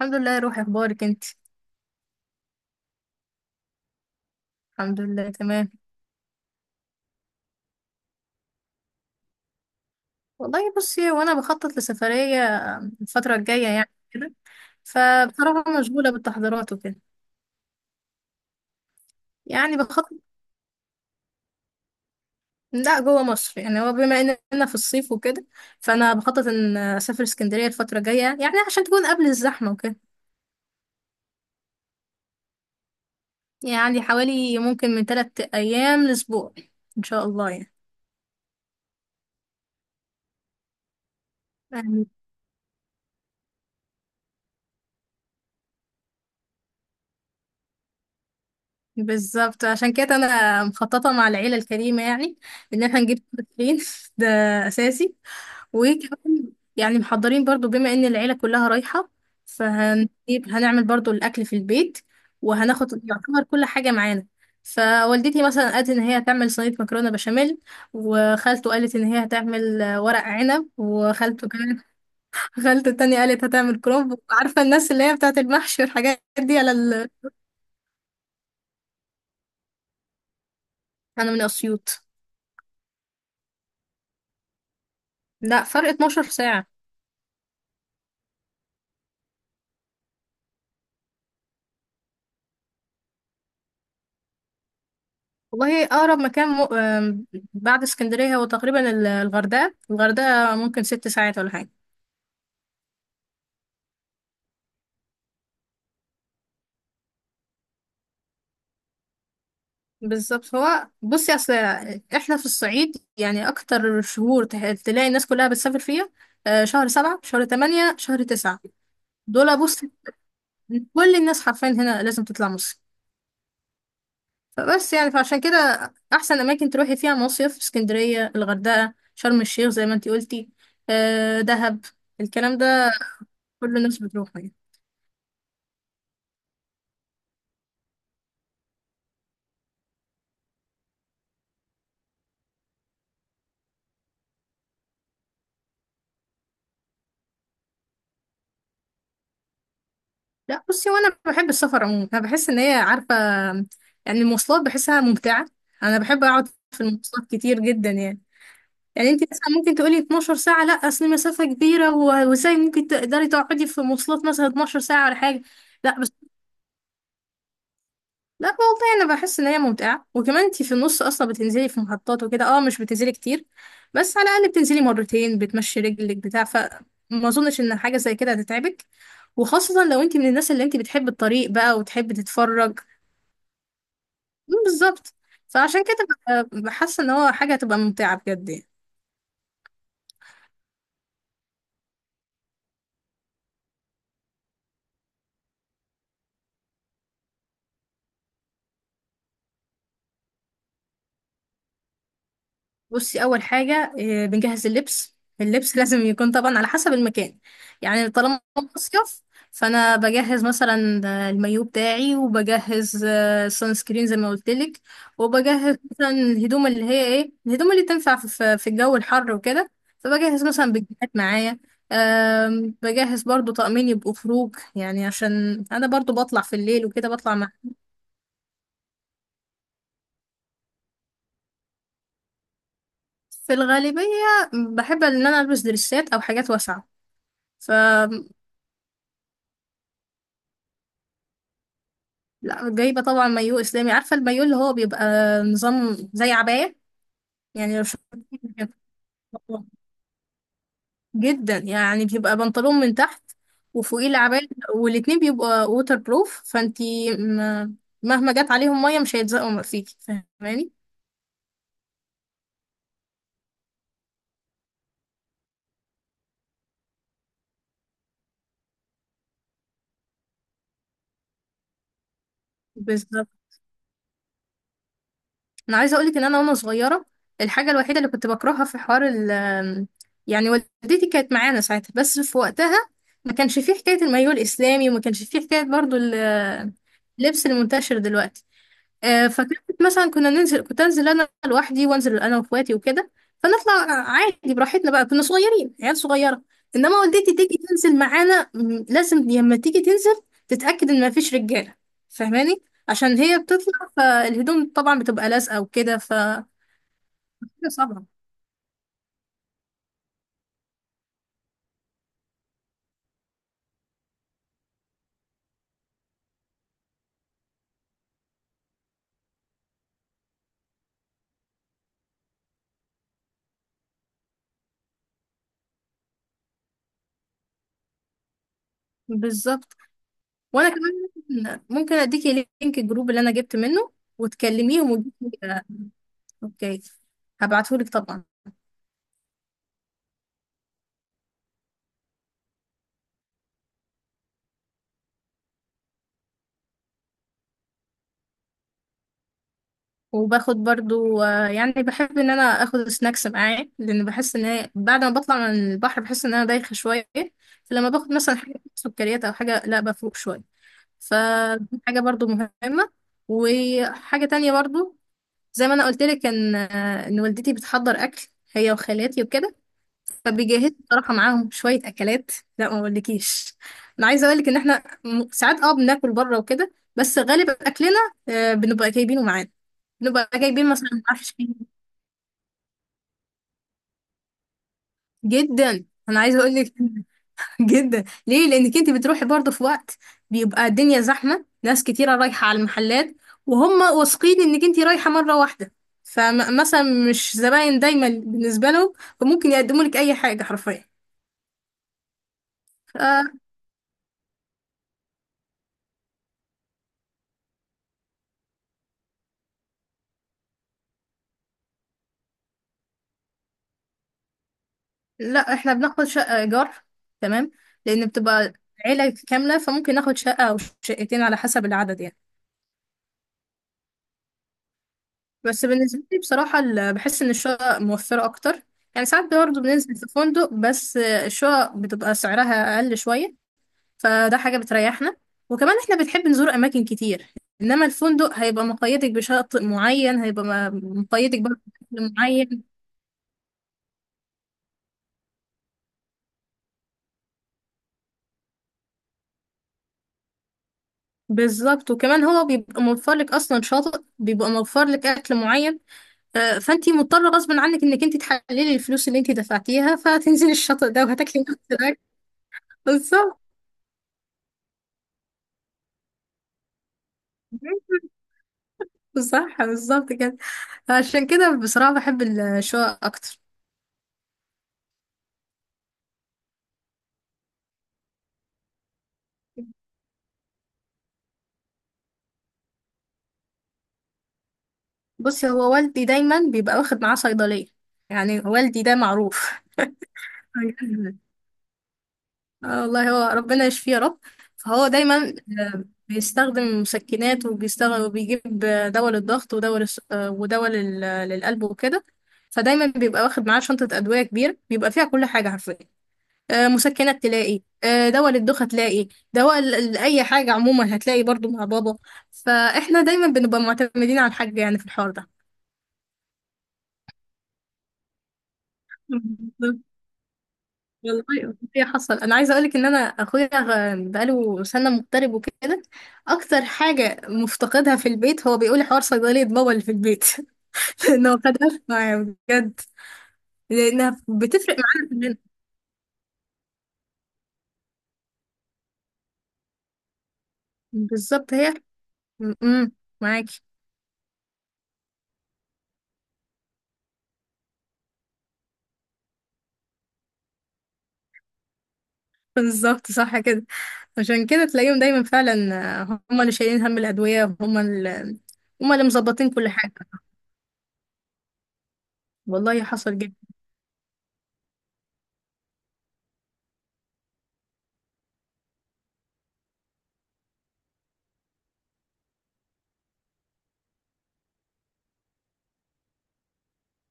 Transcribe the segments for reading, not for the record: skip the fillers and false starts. الحمد لله يا روحي، اخبارك انت؟ الحمد لله تمام. والله بصي، وانا بخطط لسفرية الفترة الجاية يعني كده. فبصراحة مشغولة بالتحضيرات وكده. يعني بخطط، لا جوه مصر، يعني هو بما اننا في الصيف وكده، فانا بخطط ان اسافر اسكندرية الفترة الجاية يعني عشان تكون قبل الزحمة وكده. يعني حوالي ممكن من 3 ايام لاسبوع ان شاء الله يعني. يعني بالظبط، عشان كده انا مخططة مع العيلة الكريمة يعني ان احنا نجيب فين ده اساسي. وكمان يعني محضرين برضو، بما ان العيلة كلها رايحة، فهنجيب هنعمل برضو الأكل في البيت، وهناخد يعتبر كل حاجة معانا. فوالدتي مثلا قالت ان هي هتعمل صينية مكرونة بشاميل، وخالته قالت ان هي هتعمل ورق عنب، وخالته كمان خالته التانية قالت هتعمل كرومب. عارفة الناس اللي هي بتاعة المحشي والحاجات دي على ال... انا من أسيوط. لا فرق 12 ساعة. والله أقرب مكان م... آم، بعد اسكندرية هو تقريبا الغردقة. الغردقة ممكن 6 ساعات ولا حاجة. بالظبط، هو بصي اصل احنا في الصعيد يعني اكتر شهور تلاقي الناس كلها بتسافر فيها شهر 7 شهر 8 شهر 9. دول بص، كل الناس حرفيا هنا لازم تطلع مصيف. فبس يعني فعشان كده احسن اماكن تروحي فيها مصيف اسكندرية الغردقة شرم الشيخ زي ما انتي قلتي، دهب، الكلام ده كل الناس بتروحه يعني. لا بصي، وانا بحب السفر عموما. انا بحس ان هي عارفه، يعني المواصلات بحسها ممتعه. انا بحب اقعد في المواصلات كتير جدا يعني. يعني انت مثلا ممكن تقولي 12 ساعه، لا اصل مسافه كبيره وازاي ممكن تقدري تقعدي في مواصلات مثلا 12 ساعه ولا حاجه. لا بس، لا والله انا بحس ان هي ممتعه. وكمان انت في النص اصلا بتنزلي في محطات وكده، اه مش بتنزلي كتير. بس على الاقل بتنزلي مرتين بتمشي رجلك بتاع، فما اظنش ان حاجه زي كده هتتعبك، وخاصة لو انت من الناس اللي انت بتحب الطريق بقى وتحب تتفرج. بالظبط. فعشان كده ببقى حاسه ان هو حاجه هتبقى ممتعه بجد يعني. بصي اول حاجه، بنجهز اللبس. اللبس لازم يكون طبعا على حسب المكان. يعني طالما مصيف، فانا بجهز مثلا المايو بتاعي، وبجهز سان سكرين زي ما قلت لك. وبجهز مثلا الهدوم اللي هي ايه الهدوم اللي تنفع في في الجو الحر وكده. فبجهز مثلا بجهات معايا. بجهز برضو طقمين يبقوا خروج يعني، عشان انا برضو بطلع في الليل وكده، بطلع مع في الغالبية. بحب ان انا البس دريسات او حاجات واسعة. ف لا، جايبة طبعا مايو اسلامي. عارفة المايو اللي هو بيبقى نظام زي عباية. يعني لو شفتيه جدا يعني، بيبقى بنطلون من تحت وفوقيه العباية، والاتنين بيبقوا ووتر بروف. فانتي مهما جت عليهم مية مش هيتزقوا فيكي، فاهماني. بالظبط. انا عايزه اقولك ان انا وانا صغيره الحاجه الوحيده اللي كنت بكرهها في حوار ال، يعني والدتي كانت معانا ساعتها، بس في وقتها ما كانش فيه حكايه المايوه الاسلامي، وما كانش فيه حكايه برضو اللبس المنتشر دلوقتي. فكانت مثلا كنا ننزل كنت انزل انا لوحدي، وانزل انا واخواتي وكده فنطلع عادي براحتنا بقى. كنا صغيرين عيال صغيره. انما والدتي تيجي تنزل معانا، لازم لما تيجي تنزل تتاكد ان مفيش رجاله، فاهماني؟ عشان هي بتطلع فالهدوم طبعا بتبقى لازقه وكده ف كده صعبه. بالظبط. وانا كمان ممكن اديكي لينك الجروب اللي انا جبت منه وتكلميهم اوكي. هبعتهولك طبعا. وباخد برضو، يعني بحب ان انا اخد سناكس معايا، لان بحس ان هي بعد ما بطلع من البحر بحس ان انا دايخه شويه. فلما باخد مثلا حاجه سكريات او حاجه لا بفوق شويه، فدي حاجه برضو مهمه. وحاجه تانية برضو، زي ما انا قلت لك ان ان والدتي بتحضر اكل هي وخالاتي وكده، فبيجهزوا بصراحه معاهم شويه اكلات. لا ما اقولكيش، انا عايزه اقول لك ان احنا ساعات اه بناكل بره وكده، بس غالب اكلنا بنبقى جايبينه معانا. نبقى جايبين مثلا معرفش كام. جدا انا عايزه اقول لك جدا، ليه؟ لانك انت بتروحي برضه في وقت بيبقى الدنيا زحمه، ناس كتيره رايحه على المحلات، وهم واثقين انك انت رايحه مره واحده، فمثلا مش زباين دايما بالنسبه لهم، فممكن يقدموا لك اي حاجه حرفيا. ف- لا احنا بناخد شقه ايجار. تمام. لان بتبقى عيله كامله، فممكن ناخد شقه او شقتين على حسب العدد يعني. بس بالنسبة لي بصراحة بحس إن الشقق موفرة أكتر. يعني ساعات برضه بننزل في فندق، بس الشقق بتبقى سعرها أقل شوية، فده حاجة بتريحنا. وكمان إحنا بنحب نزور أماكن كتير، إنما الفندق هيبقى مقيدك بشاطئ معين، هيبقى مقيدك برضه بأكل معين. بالظبط. وكمان هو بيبقى موفر لك أصلا شاطئ، بيبقى موفر لك أكل معين. فأنتي مضطرة غصب عنك إنك أنتي تحللي الفلوس اللي أنتي دفعتيها، فتنزلي الشاطئ ده وهتاكلي نفس الأكل. بالظبط. صح بالظبط كده. عشان كده بصراحة بحب الشقق أكتر. بصي هو والدي دايما بيبقى واخد معاه صيدلية. يعني والدي ده معروف اه والله هو ربنا يشفيه يا رب. فهو دايما بيستخدم مسكنات، وبيستخدم وبيجيب دواء للضغط، ودواء ودواء للقلب وكده. فدايما بيبقى واخد معاه شنطة أدوية كبيرة، بيبقى فيها كل حاجة حرفيا. مسكنات، تلاقي دواء للدوخة، تلاقي دواء لأي حاجة عموما هتلاقي برضو مع بابا. فإحنا دايما بنبقى معتمدين على الحاج يعني في الحوار ده. بالظبط. والله هي حصل. أنا عايزة أقولك إن أنا أخويا بقاله سنة مغترب وكده، أكتر حاجة مفتقدها في البيت هو بيقول حوار صيدلية بابا اللي في البيت. لأنه خدها معايا بجد، لأنها بتفرق معانا كلنا. بالظبط هي م- م- معاكي. بالظبط صح كده. عشان كده تلاقيهم دايما فعلا هم اللي شايلين هم الأدوية، هم اللي مظبطين كل حاجة. والله حصل جدا.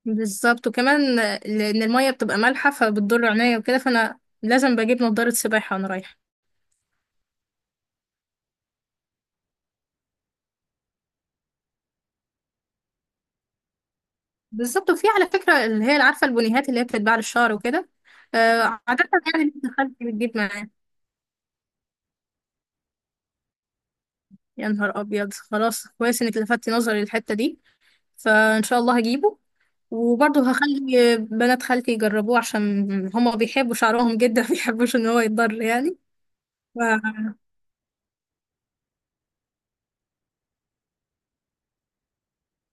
بالظبط وكمان لأن المية بتبقى مالحة فبتضر عينيا وكده، فأنا لازم بجيب نضارة سباحة وأنا رايحة. بالظبط. وفي على فكرة اللي هي عارفة البنيهات اللي هي بتتباع للشعر وكده، عادة يعني بنت خالتي بتجيب معايا. يا نهار أبيض، خلاص كويس إنك لفتتي نظري للحتة دي، فإن شاء الله هجيبه. وبرضه هخلي بنات خالتي يجربوه، عشان هما بيحبوا شعرهم جدا مبيحبوش ان هو يتضر يعني. ف...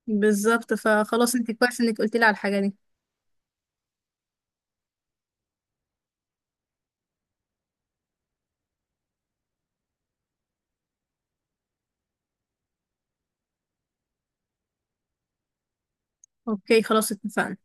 بالظبط. فخلاص انت كويس انك قلتي لي على الحاجة دي. اوكي خلاص اتفقنا.